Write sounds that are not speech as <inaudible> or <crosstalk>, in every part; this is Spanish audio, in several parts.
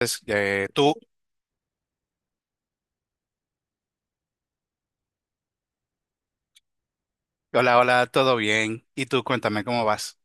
Entonces, tú, hola, hola, todo bien. Y tú, cuéntame cómo vas.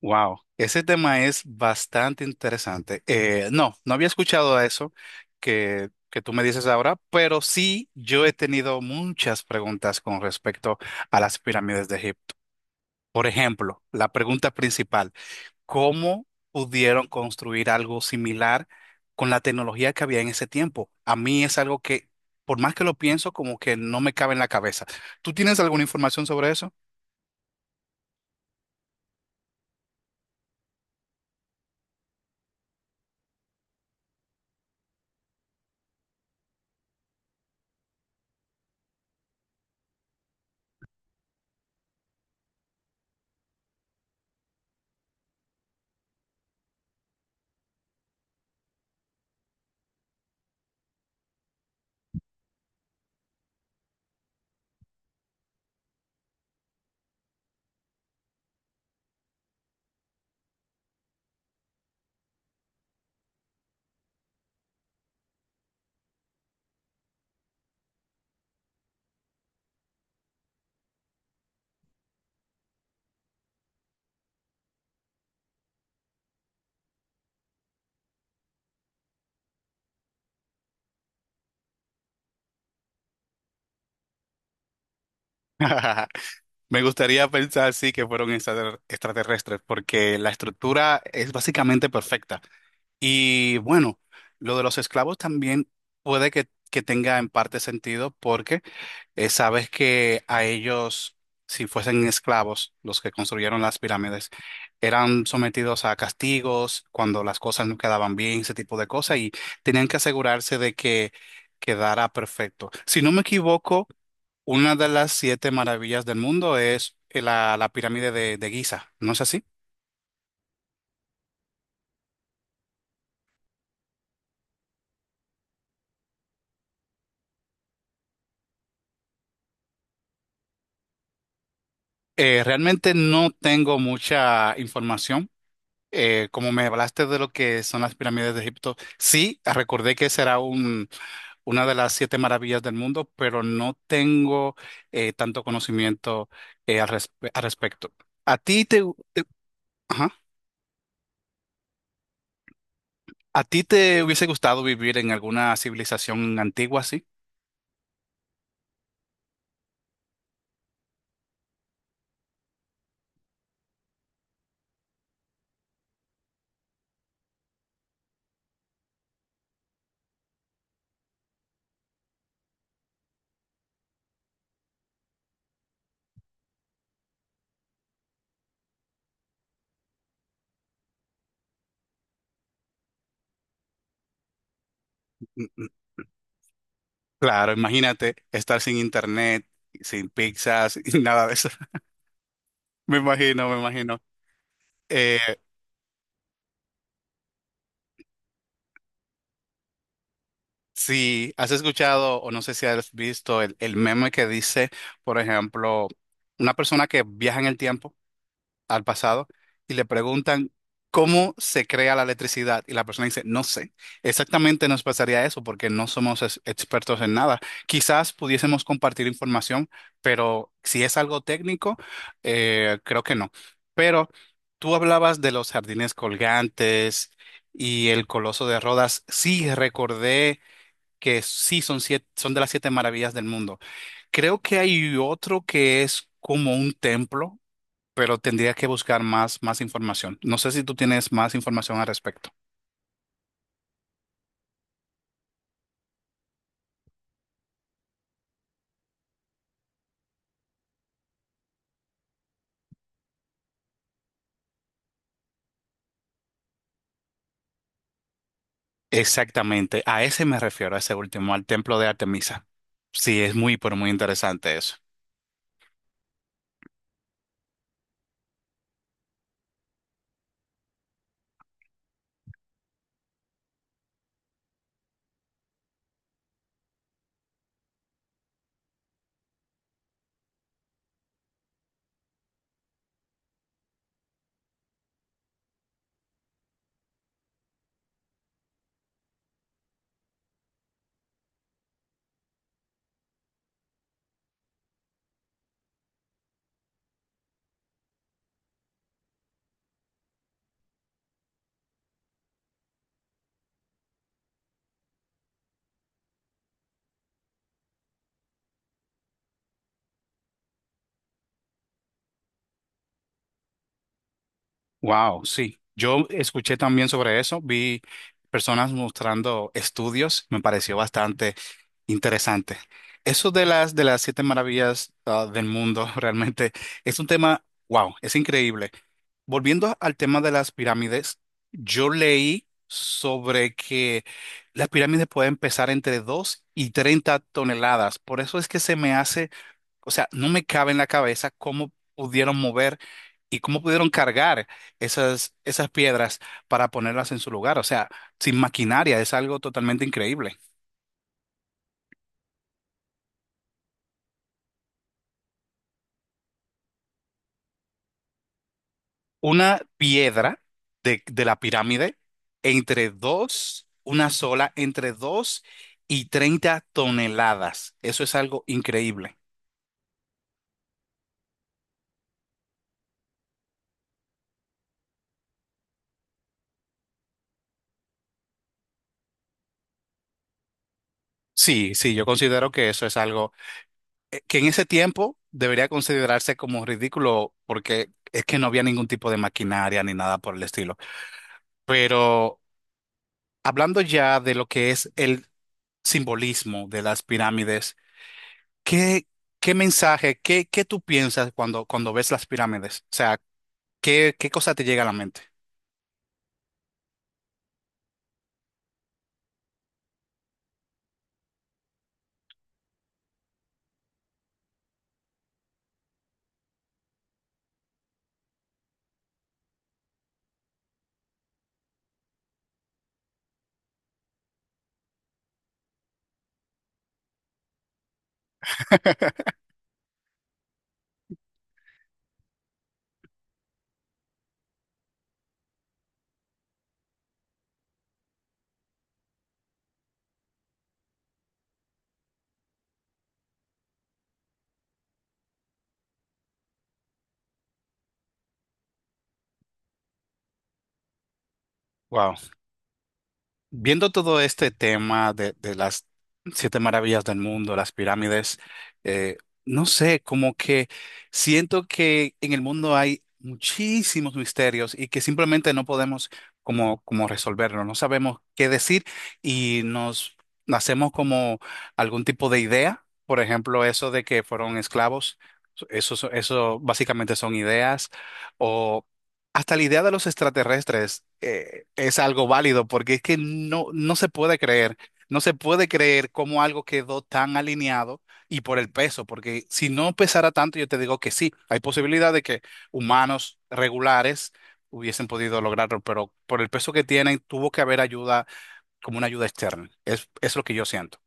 Wow, ese tema es bastante interesante. No, no había escuchado eso que tú me dices ahora, pero sí yo he tenido muchas preguntas con respecto a las pirámides de Egipto. Por ejemplo, la pregunta principal, ¿cómo pudieron construir algo similar con la tecnología que había en ese tiempo? A mí es algo que, por más que lo pienso, como que no me cabe en la cabeza. ¿Tú tienes alguna información sobre eso? <laughs> Me gustaría pensar, sí, que fueron extraterrestres, porque la estructura es básicamente perfecta. Y bueno, lo de los esclavos también puede que tenga en parte sentido, porque sabes que a ellos, si fuesen esclavos, los que construyeron las pirámides, eran sometidos a castigos cuando las cosas no quedaban bien, ese tipo de cosas, y tenían que asegurarse de que quedara perfecto. Si no me equivoco, una de las siete maravillas del mundo es la pirámide de Giza, ¿no es así? Realmente no tengo mucha información. Como me hablaste de lo que son las pirámides de Egipto, sí, recordé que será una de las siete maravillas del mundo, pero no tengo tanto conocimiento al respecto. ¿A ti te, te- Ajá. ¿A ti te hubiese gustado vivir en alguna civilización antigua así? Claro, imagínate estar sin internet, sin pizzas, <laughs> y nada de eso. Me imagino, me imagino. Eh, si has escuchado o no sé si has visto el meme que dice, por ejemplo, una persona que viaja en el tiempo al pasado y le preguntan cómo se crea la electricidad y la persona dice, no sé, exactamente nos pasaría eso porque no somos expertos en nada. Quizás pudiésemos compartir información, pero si es algo técnico, creo que no. Pero tú hablabas de los jardines colgantes y el Coloso de Rodas. Sí, recordé que sí son siete, son de las siete maravillas del mundo. Creo que hay otro que es como un templo, pero tendría que buscar más información. No sé si tú tienes más información al respecto. Exactamente, a ese me refiero, a ese último, al templo de Artemisa. Sí, es muy, pero muy interesante eso. Wow, sí. Yo escuché también sobre eso, vi personas mostrando estudios, me pareció bastante interesante. Eso de las siete maravillas, ah, del mundo, <laughs> realmente es un tema, wow, es increíble. Volviendo al tema de las pirámides, yo leí sobre que las pirámides pueden pesar entre 2 y 30 toneladas. Por eso es que se me hace, o sea, no me cabe en la cabeza cómo pudieron mover y cómo pudieron cargar esas piedras para ponerlas en su lugar. O sea, sin maquinaria, es algo totalmente increíble. Una piedra de la pirámide, entre dos, una sola, entre 2 y 30 toneladas. Eso es algo increíble. Sí, sí, yo considero que eso es algo que en ese tiempo debería considerarse como ridículo porque es que no había ningún tipo de maquinaria ni nada por el estilo. Pero hablando ya de lo que es el simbolismo de las pirámides, ¿qué, qué, mensaje, qué tú piensas cuando, cuando ves las pirámides? O sea, ¿Qué cosa te llega a la mente? Wow. Viendo todo este tema de las siete maravillas del mundo, las pirámides, eh, no sé, como que siento que en el mundo hay muchísimos misterios y que simplemente no podemos como resolverlo, no sabemos qué decir y nos hacemos como algún tipo de idea, por ejemplo, eso de que fueron esclavos, eso básicamente son ideas, hasta la idea de los extraterrestres, es algo válido porque es que no, no se puede creer, no se puede creer cómo algo quedó tan alineado y por el peso, porque si no pesara tanto, yo te digo que sí, hay posibilidad de que humanos regulares hubiesen podido lograrlo, pero por el peso que tienen, tuvo que haber ayuda como una ayuda externa. Es lo que yo siento.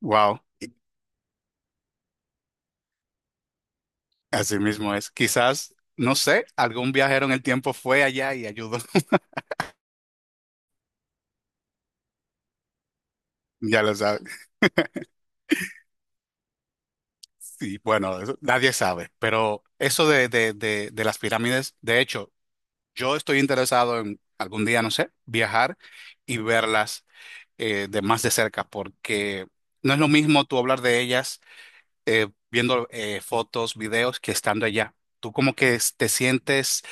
Wow, <laughs> así mismo es. Quizás, no sé, algún viajero en el tiempo fue allá y ayudó. <laughs> Ya lo sabes. Sí, bueno, eso nadie sabe, pero eso de las pirámides, de hecho, yo estoy interesado en algún día, no sé, viajar y verlas de más de cerca, porque no es lo mismo tú hablar de ellas viendo fotos, videos, que estando allá. Tú como que te sientes,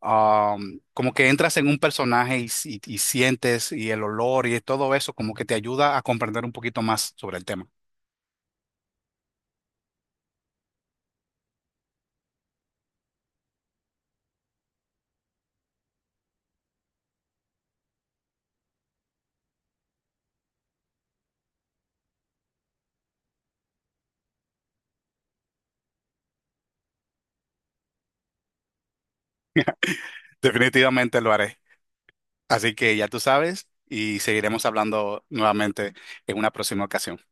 como que entras en un personaje y, y sientes y el olor y todo eso, como que te ayuda a comprender un poquito más sobre el tema. Definitivamente lo haré. Así que ya tú sabes y seguiremos hablando nuevamente en una próxima ocasión.